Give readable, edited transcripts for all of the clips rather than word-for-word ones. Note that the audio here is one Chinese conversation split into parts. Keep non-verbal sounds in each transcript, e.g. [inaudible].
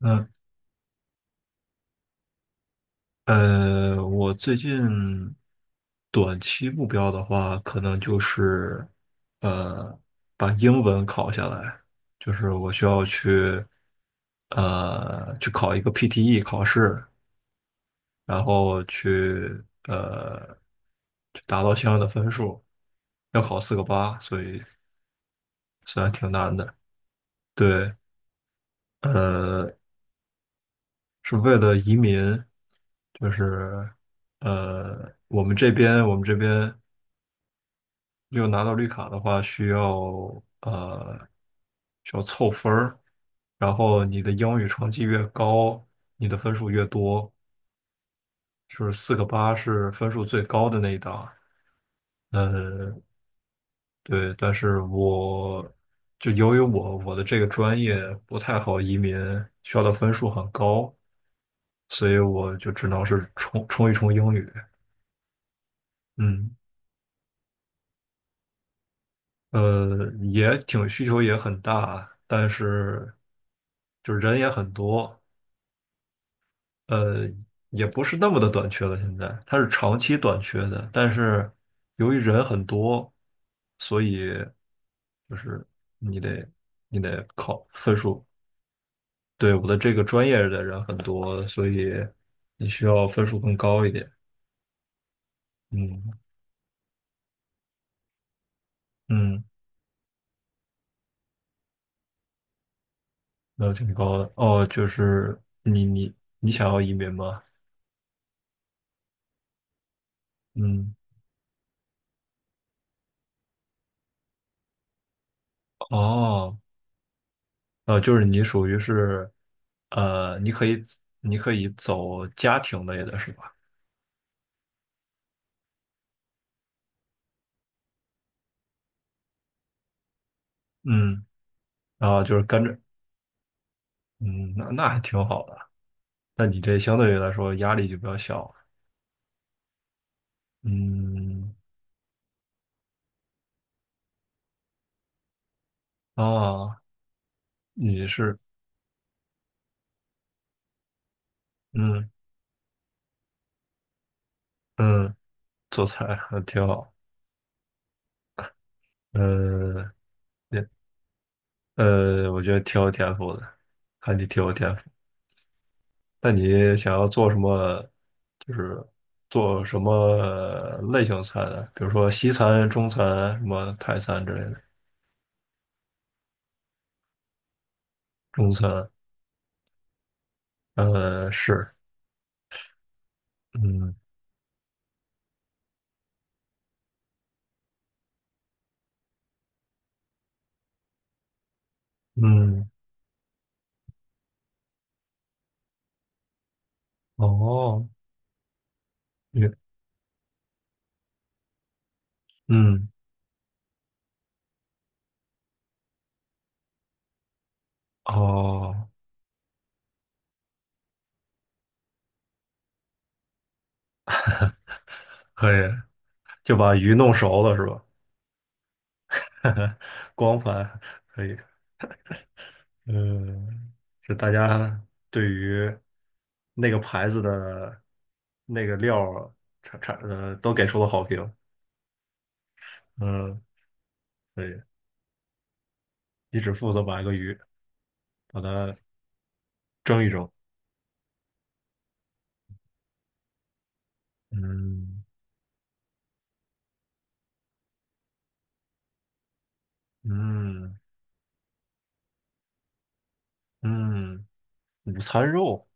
那我最近短期目标的话，可能就是呃，把英文考下来，就是我需要去考一个 PTE 考试，然后去呃达到相应的分数，要考四个八，所以虽然挺难的。对，呃，是为了移民，就是。我们这边有拿到绿卡的话，需要呃凑分儿，然后你的英语成绩越高，你的分数越多，就是四个八是分数最高的那一档。呃，对，但是我就由于我的这个专业不太好移民，需要的分数很高，所以我就只能是冲一冲英语。嗯，也挺需求也很大，但是就是人也很多。呃，也不是那么的短缺了。现在它是长期短缺的，但是由于人很多，所以就是你得你得考分数。对，我的这个专业的人很多，所以你需要分数更高一点。嗯嗯，那挺高的。哦，就是你想要移民吗？嗯，哦，就是你属于是，呃，你可以你可以走家庭类的是吧？嗯。啊，就是跟着，嗯，那还挺好的。那你这相对于来说压力就比较小，嗯，啊，你是，嗯嗯，做菜还挺好，嗯，也我觉得挺有天赋的，看你挺有天赋。那你想要做什么？就是做什么类型菜的？比如说西餐、中餐、什么泰餐之类的。中餐，是，嗯嗯，哦，也，嗯。哦，可以，就把鱼弄熟了是吧？[laughs] 光盘可以，嗯，就大家对于那个牌子的那个料儿产产呃都给出了好评，嗯，可以，你只负责把一个鱼把它蒸一蒸，嗯嗯嗯，午餐肉。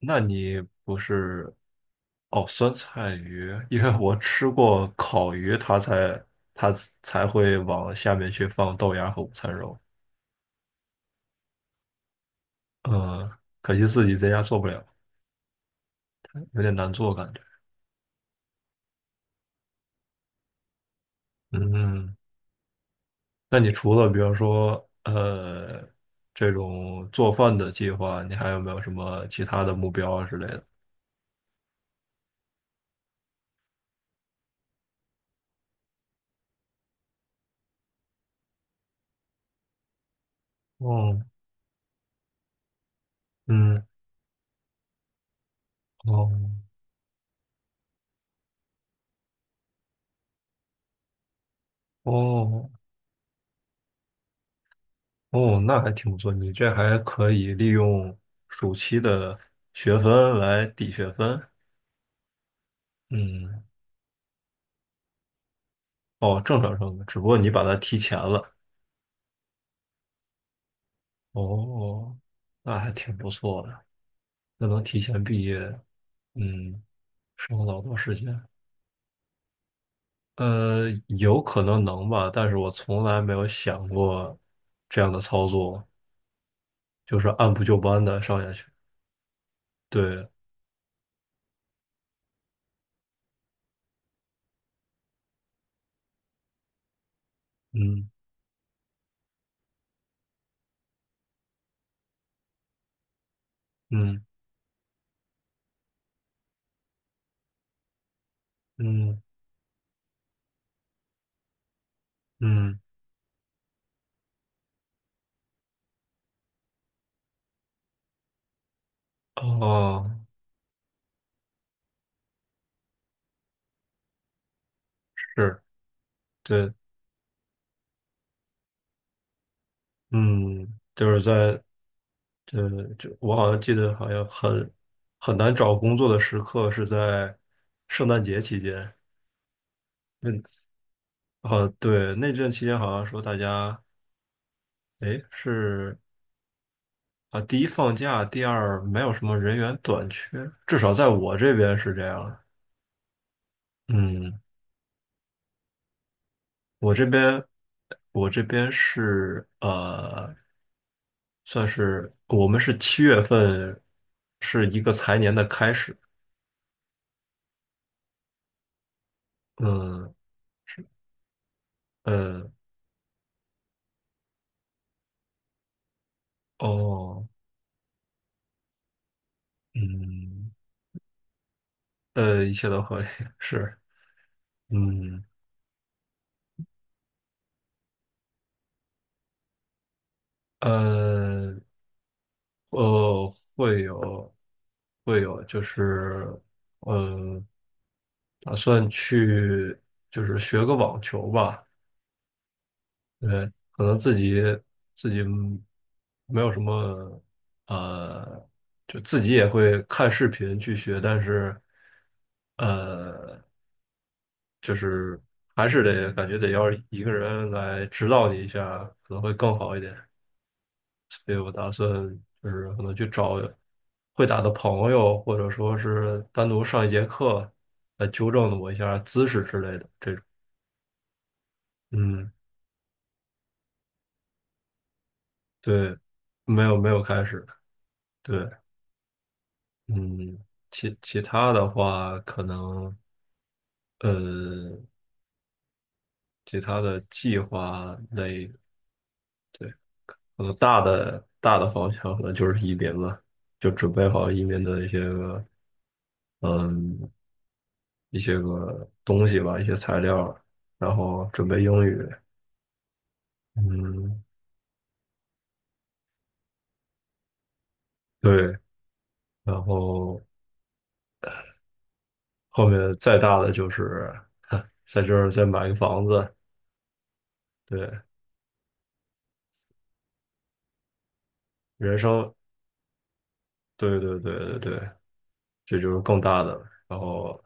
那你不是哦，酸菜鱼，因为我吃过烤鱼，它才会往下面去放豆芽和午餐肉。嗯，可惜自己在家做不了，有点难做感觉。嗯，那你除了比方说这种做饭的计划，你还有没有什么其他的目标啊之类的？哦，嗯，哦，哦，哦，那还挺不错，你这还可以利用暑期的学分来抵学分。嗯，哦，正常上的，只不过你把它提前了。哦，那还挺不错的，那能提前毕业，嗯，省了老多时间。有可能能吧，但是我从来没有想过这样的操作，就是按部就班的上下去。对，嗯嗯嗯嗯，哦，是。对。嗯，就是在就我好像记得，好像很难找工作的时刻是在圣诞节期间。嗯，好，对，那阵期间好像说大家，哎，是啊，第一放假，第二没有什么人员短缺，至少在我这边是这样的。嗯，我这边我这边是算是我们是七月份是一个财年的开始。嗯。呃。哦，嗯，一切都合理，[laughs] 是，嗯，呃，呃，会有，会有，就是，呃，打算去，就是学个网球吧，对，可能自己没有什么，呃，就自己也会看视频去学，但是，呃。就是还是得感觉得要一个人来指导你一下，可能会更好一点。所以我打算就是可能去找会打的朋友，或者说是单独上一节课来纠正我一下姿势之类的这种。嗯，对，没有开始。对，嗯，其他的话可能呃其他的计划类。对。可能大的方向可能就是移民了，就准备好移民的嗯一些个东西吧，一些材料，然后准备英语，嗯，对，然后后面再大的就是 [laughs] 在这儿再买个房子，对，人生，对对对对对，这就是更大的了然后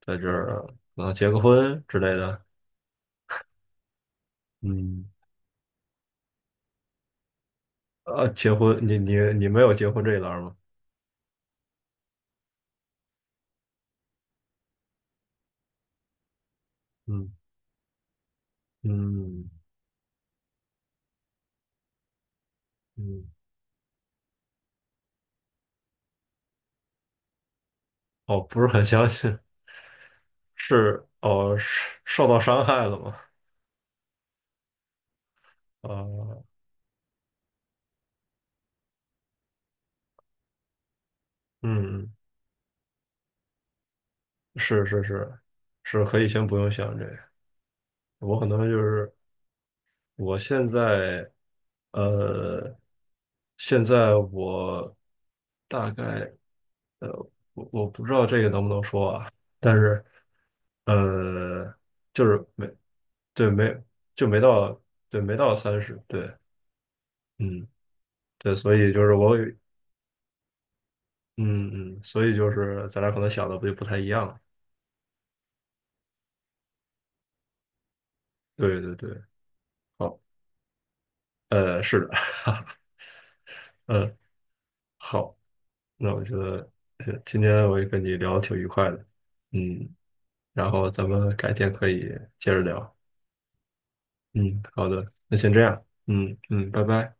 在这儿可能结个婚之类的，嗯，啊，结婚，你没有结婚这一栏儿吗？嗯嗯。嗯，哦，不是很相信，是哦，是受到伤害了吗？啊、嗯，是是是，是可以先不用想这个。我可能就是我现在，呃，现在我大概呃，我不知道这个能不能说啊，但是呃，就是没对没就没到对没到三十对。嗯，对，所以就是我嗯嗯，所以就是咱俩可能想的不就不太一样了。对对对，好，是的，[laughs] 呃，好，那我觉得今天我也跟你聊得挺愉快的，嗯，然后咱们改天可以接着聊，嗯，好的，那先这样，嗯嗯，拜拜。